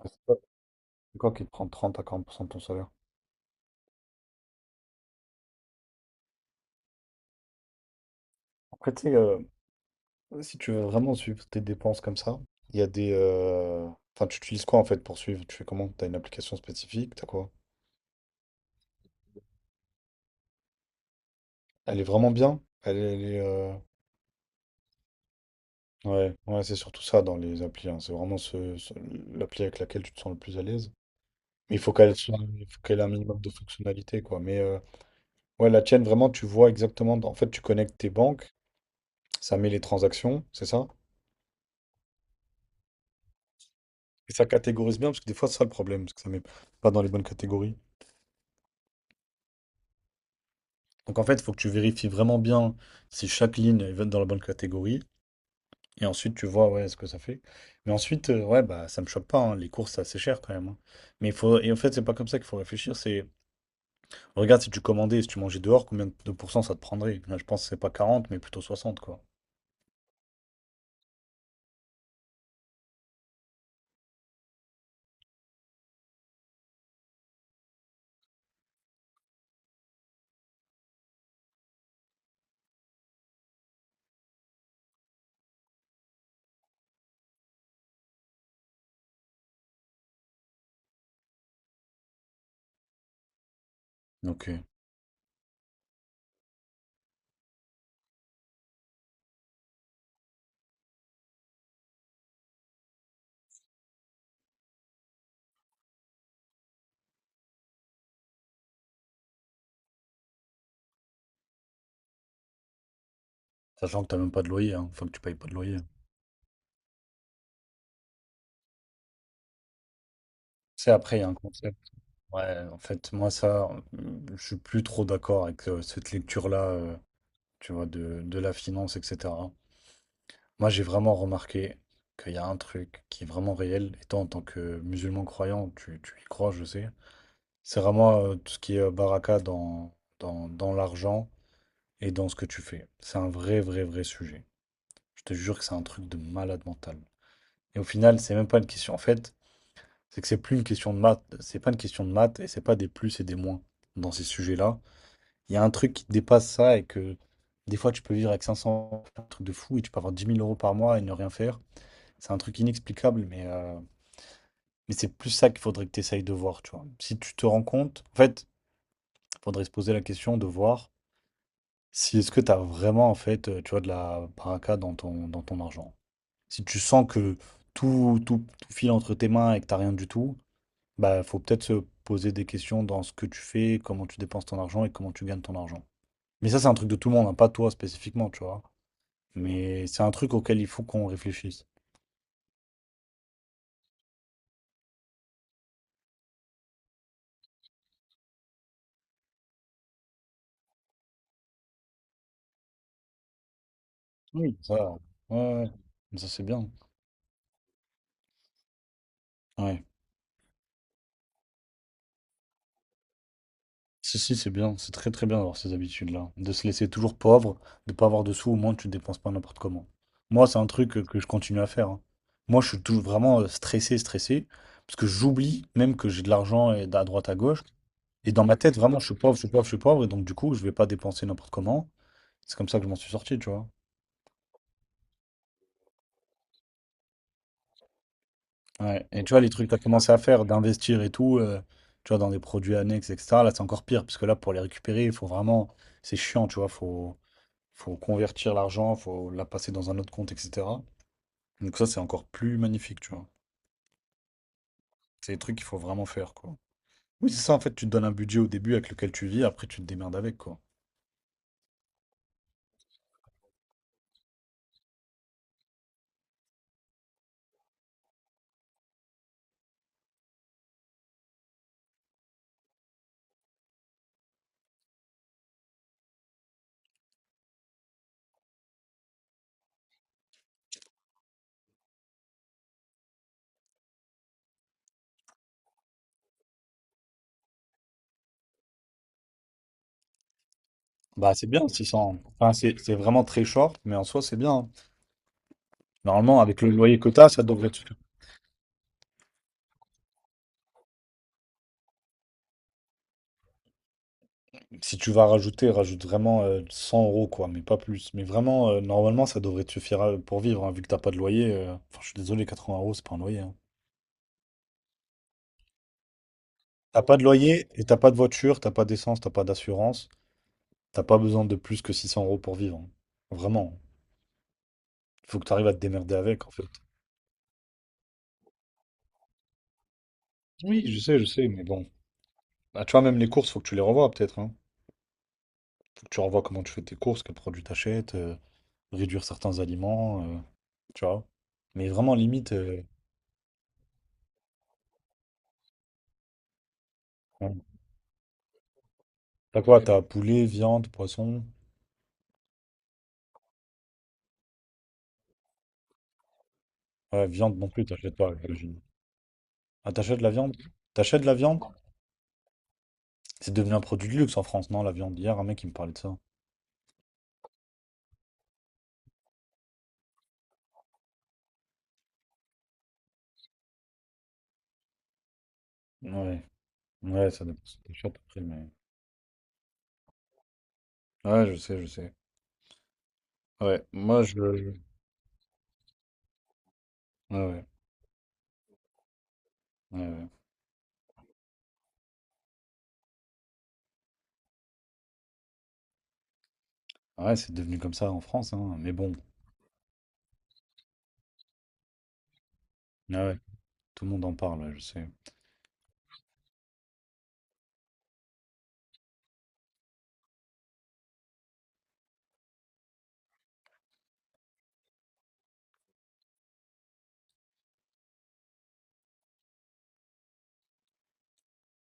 Ah, c'est pas n'importe quoi qui te prend 30 à 40% de ton salaire. Après, tu sais, si tu veux vraiment suivre tes dépenses comme ça, il y a des. Enfin, tu utilises quoi en fait pour suivre? Tu fais comment? T'as une application spécifique? T'as quoi? Elle est vraiment bien? Ouais, ouais, c'est surtout ça dans les applis, hein. C'est vraiment l'appli avec laquelle tu te sens le plus à l'aise. Mais il faut qu'elle soit, il faut qu'elle ait un minimum de fonctionnalité, quoi. Mais ouais, la tienne, vraiment, tu vois exactement. En fait, tu connectes tes banques, ça met les transactions, c'est ça? Et ça catégorise bien, parce que des fois, c'est ça le problème, parce que ça met pas dans les bonnes catégories. Donc en fait, il faut que tu vérifies vraiment bien si chaque ligne elle va être dans la bonne catégorie. Et ensuite, tu vois ouais, ce que ça fait. Mais ensuite, ouais, bah ça me choque pas, hein. Les courses, c'est assez cher quand même, hein. Mais il faut. Et en fait, c'est pas comme ça qu'il faut réfléchir. C'est. Regarde si tu commandais, si tu mangeais dehors, combien de pourcents ça te prendrait? Là, je pense que c'est pas quarante mais plutôt soixante quoi. Ok. Sachant que t'as même pas de loyer, hein. Faut que tu payes pas de loyer. C'est après, il y a un concept. Ouais, en fait, moi, ça, je suis plus trop d'accord avec cette lecture-là, tu vois, de la finance, etc. Moi, j'ai vraiment remarqué qu'il y a un truc qui est vraiment réel, et toi, en tant que musulman croyant, tu y crois, je sais. C'est vraiment tout ce qui est baraka dans l'argent et dans ce que tu fais. C'est un vrai, vrai, vrai sujet. Je te jure que c'est un truc de malade mental. Et au final, c'est même pas une question. En fait, c'est que c'est plus une question de maths, c'est pas une question de maths et c'est pas des plus et des moins dans ces sujets-là. Il y a un truc qui dépasse ça et que des fois tu peux vivre avec 500, un truc de fou, et tu peux avoir 10 000 euros par mois et ne rien faire. C'est un truc inexplicable, mais c'est plus ça qu'il faudrait que tu essayes de voir, tu vois. Si tu te rends compte, en fait, il faudrait se poser la question de voir si est-ce que tu as vraiment, en fait, tu vois, de la baraka dans ton argent. Si tu sens que tout, tout, tout file entre tes mains et que t'as rien du tout, bah, faut peut-être se poser des questions dans ce que tu fais, comment tu dépenses ton argent et comment tu gagnes ton argent. Mais ça, c'est un truc de tout le monde, hein, pas toi spécifiquement, tu vois. Mais c'est un truc auquel il faut qu'on réfléchisse. Oui. Ça, ouais, ouais, ouais. Mais ça, c'est bien. Ouais. Si, si, c'est bien. C'est très, très bien d'avoir ces habitudes-là. De se laisser toujours pauvre, de pas avoir de sous, au moins tu dépenses pas n'importe comment. Moi, c'est un truc que je continue à faire, hein. Moi, je suis toujours vraiment stressé, stressé, parce que j'oublie même que j'ai de l'argent et d'à droite à gauche. Et dans ma tête, vraiment, je suis pauvre, je suis pauvre, je suis pauvre. Et donc, du coup, je vais pas dépenser n'importe comment. C'est comme ça que je m'en suis sorti, tu vois. Ouais. Et tu vois, les trucs que tu as commencé à faire, d'investir et tout, tu vois, dans des produits annexes, etc. Là, c'est encore pire, parce que là, pour les récupérer, il faut vraiment. C'est chiant, tu vois. Faut convertir l'argent, faut la passer dans un autre compte, etc. Donc, ça, c'est encore plus magnifique, tu vois. C'est des trucs qu'il faut vraiment faire, quoi. Oui, c'est ça, en fait, tu te donnes un budget au début avec lequel tu vis, après, tu te démerdes avec, quoi. Bah, c'est bien, six cents. Enfin, c'est vraiment très short, mais en soi, c'est bien. Normalement, avec le loyer quota, ça devrait te... Si tu vas rajouter, rajoute vraiment 100 euros, quoi, mais pas plus. Mais vraiment, normalement, ça devrait te suffire pour vivre, hein, vu que t'as pas de loyer. Enfin, je suis désolé, 80 euros, c'est pas un loyer, hein. T'as pas de loyer et t'as pas de voiture, t'as pas d'essence, t'as pas d'assurance. T'as pas besoin de plus que 600 euros pour vivre, hein. Vraiment. Il faut que tu arrives à te démerder avec, en fait. Oui, je sais, mais bon. Bah, tu vois, même les courses, faut que tu les revoies, peut-être, hein. Faut que tu revoies comment tu fais tes courses, quels produits t'achètes, réduire certains aliments, tu vois. Mais vraiment, limite. Ouais. T'as quoi? T'as poulet, viande, poisson? Ouais, viande non plus, t'achètes pas, j'imagine. Ah, t'achètes la viande? T'achètes la viande? C'est devenu un produit de luxe en France, non, la viande? Hier, un mec, il me parlait de ça. Ouais, ouais, ça dépend. C'est cher le prix, mais... Ouais, je sais, je sais. Ouais, moi, ouais, ouais, ouais, ouais. Ah ouais, c'est devenu comme ça en France, hein. Mais bon, ouais, ouais. Tout le monde en parle, ouais, je sais.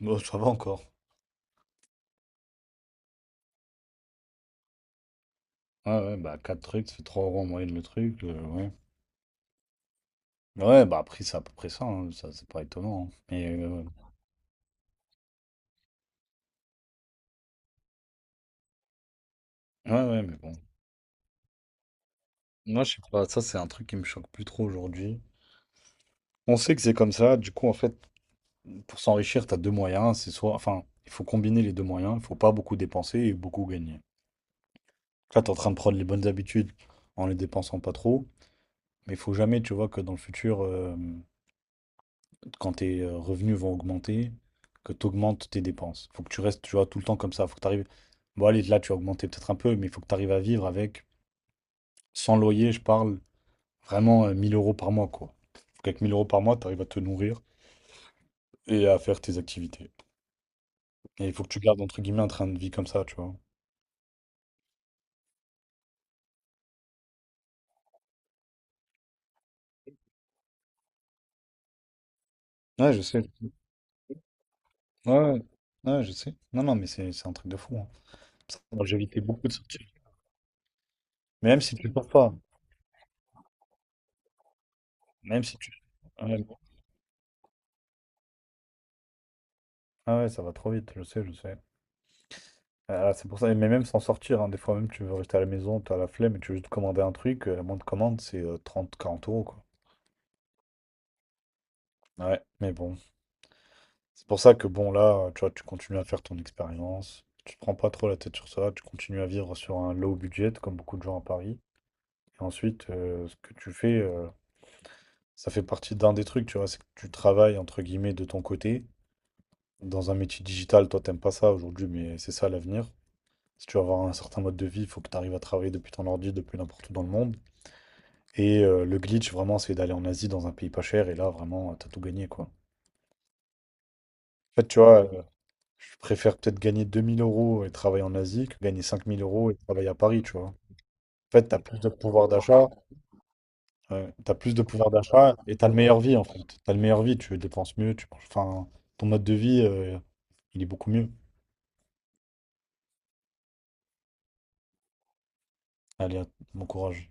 Bon, ça va encore. Ouais, ouais, bah, quatre trucs, ça fait 3 euros en moyenne le truc, ouais. Ouais, bah, après, c'est à peu près ça, hein, ça, c'est pas étonnant, hein. Mais, ouais, ouais, mais bon. Moi, je sais pas, ça c'est un truc qui me choque plus trop aujourd'hui. On sait que c'est comme ça, du coup, en fait, pour s'enrichir, t'as deux moyens, c'est soit, enfin, il faut combiner les deux moyens, il faut pas beaucoup dépenser et beaucoup gagner. Là, t'es en train de prendre les bonnes habitudes en les dépensant pas trop, mais il faut jamais, tu vois, que dans le futur, quand tes revenus vont augmenter, que t'augmentes tes dépenses. Faut que tu restes, tu vois, tout le temps comme ça, faut que t'arrives... Bon, allez, là, tu as augmenté peut-être un peu, mais il faut que t'arrives à vivre avec, sans loyer, je parle, vraiment 1000 euros par mois, quoi. Faut qu'avec 1000 euros par mois, t'arrives à te nourrir et à faire tes activités. Et il faut que tu gardes, entre guillemets, un train de vie comme ça, tu vois. Ouais, je sais. Ouais, ouais, ouais, je sais. Non, non, mais c'est un truc de fou, hein. Ça, moi, j'évitais beaucoup de sorties. Mais même si tu sors pas, même si tu... Ouais, ah ouais, ça va trop vite, je sais, je sais. Ah, c'est pour ça, mais même sans sortir, hein, des fois même tu veux rester à la maison, t'as la flemme et tu veux juste commander un truc, la moindre commande c'est 30, 40 euros quoi. Ouais, mais bon. C'est pour ça que bon là, tu vois, tu continues à faire ton expérience, tu te prends pas trop la tête sur ça, tu continues à vivre sur un low budget comme beaucoup de gens à Paris. Et ensuite, ce que tu fais, ça fait partie d'un des trucs, tu vois, c'est que tu travailles, entre guillemets, de ton côté. Dans un métier digital, toi, t'aimes pas ça aujourd'hui, mais c'est ça l'avenir. Si tu veux avoir un certain mode de vie, il faut que tu arrives à travailler depuis ton ordi, depuis n'importe où dans le monde. Et le glitch, vraiment, c'est d'aller en Asie, dans un pays pas cher, et là, vraiment, t'as tout gagné, quoi. En fait, tu vois, je préfère peut-être gagner 2000 euros et travailler en Asie que gagner 5000 euros et travailler à Paris, tu vois. En fait, t'as plus de pouvoir d'achat. Ouais, t'as plus de pouvoir d'achat et t'as le meilleur vie en fait. T'as le meilleur vie, tu dépenses mieux, enfin, ton mode de vie, il est beaucoup mieux. Allez, à- bon courage.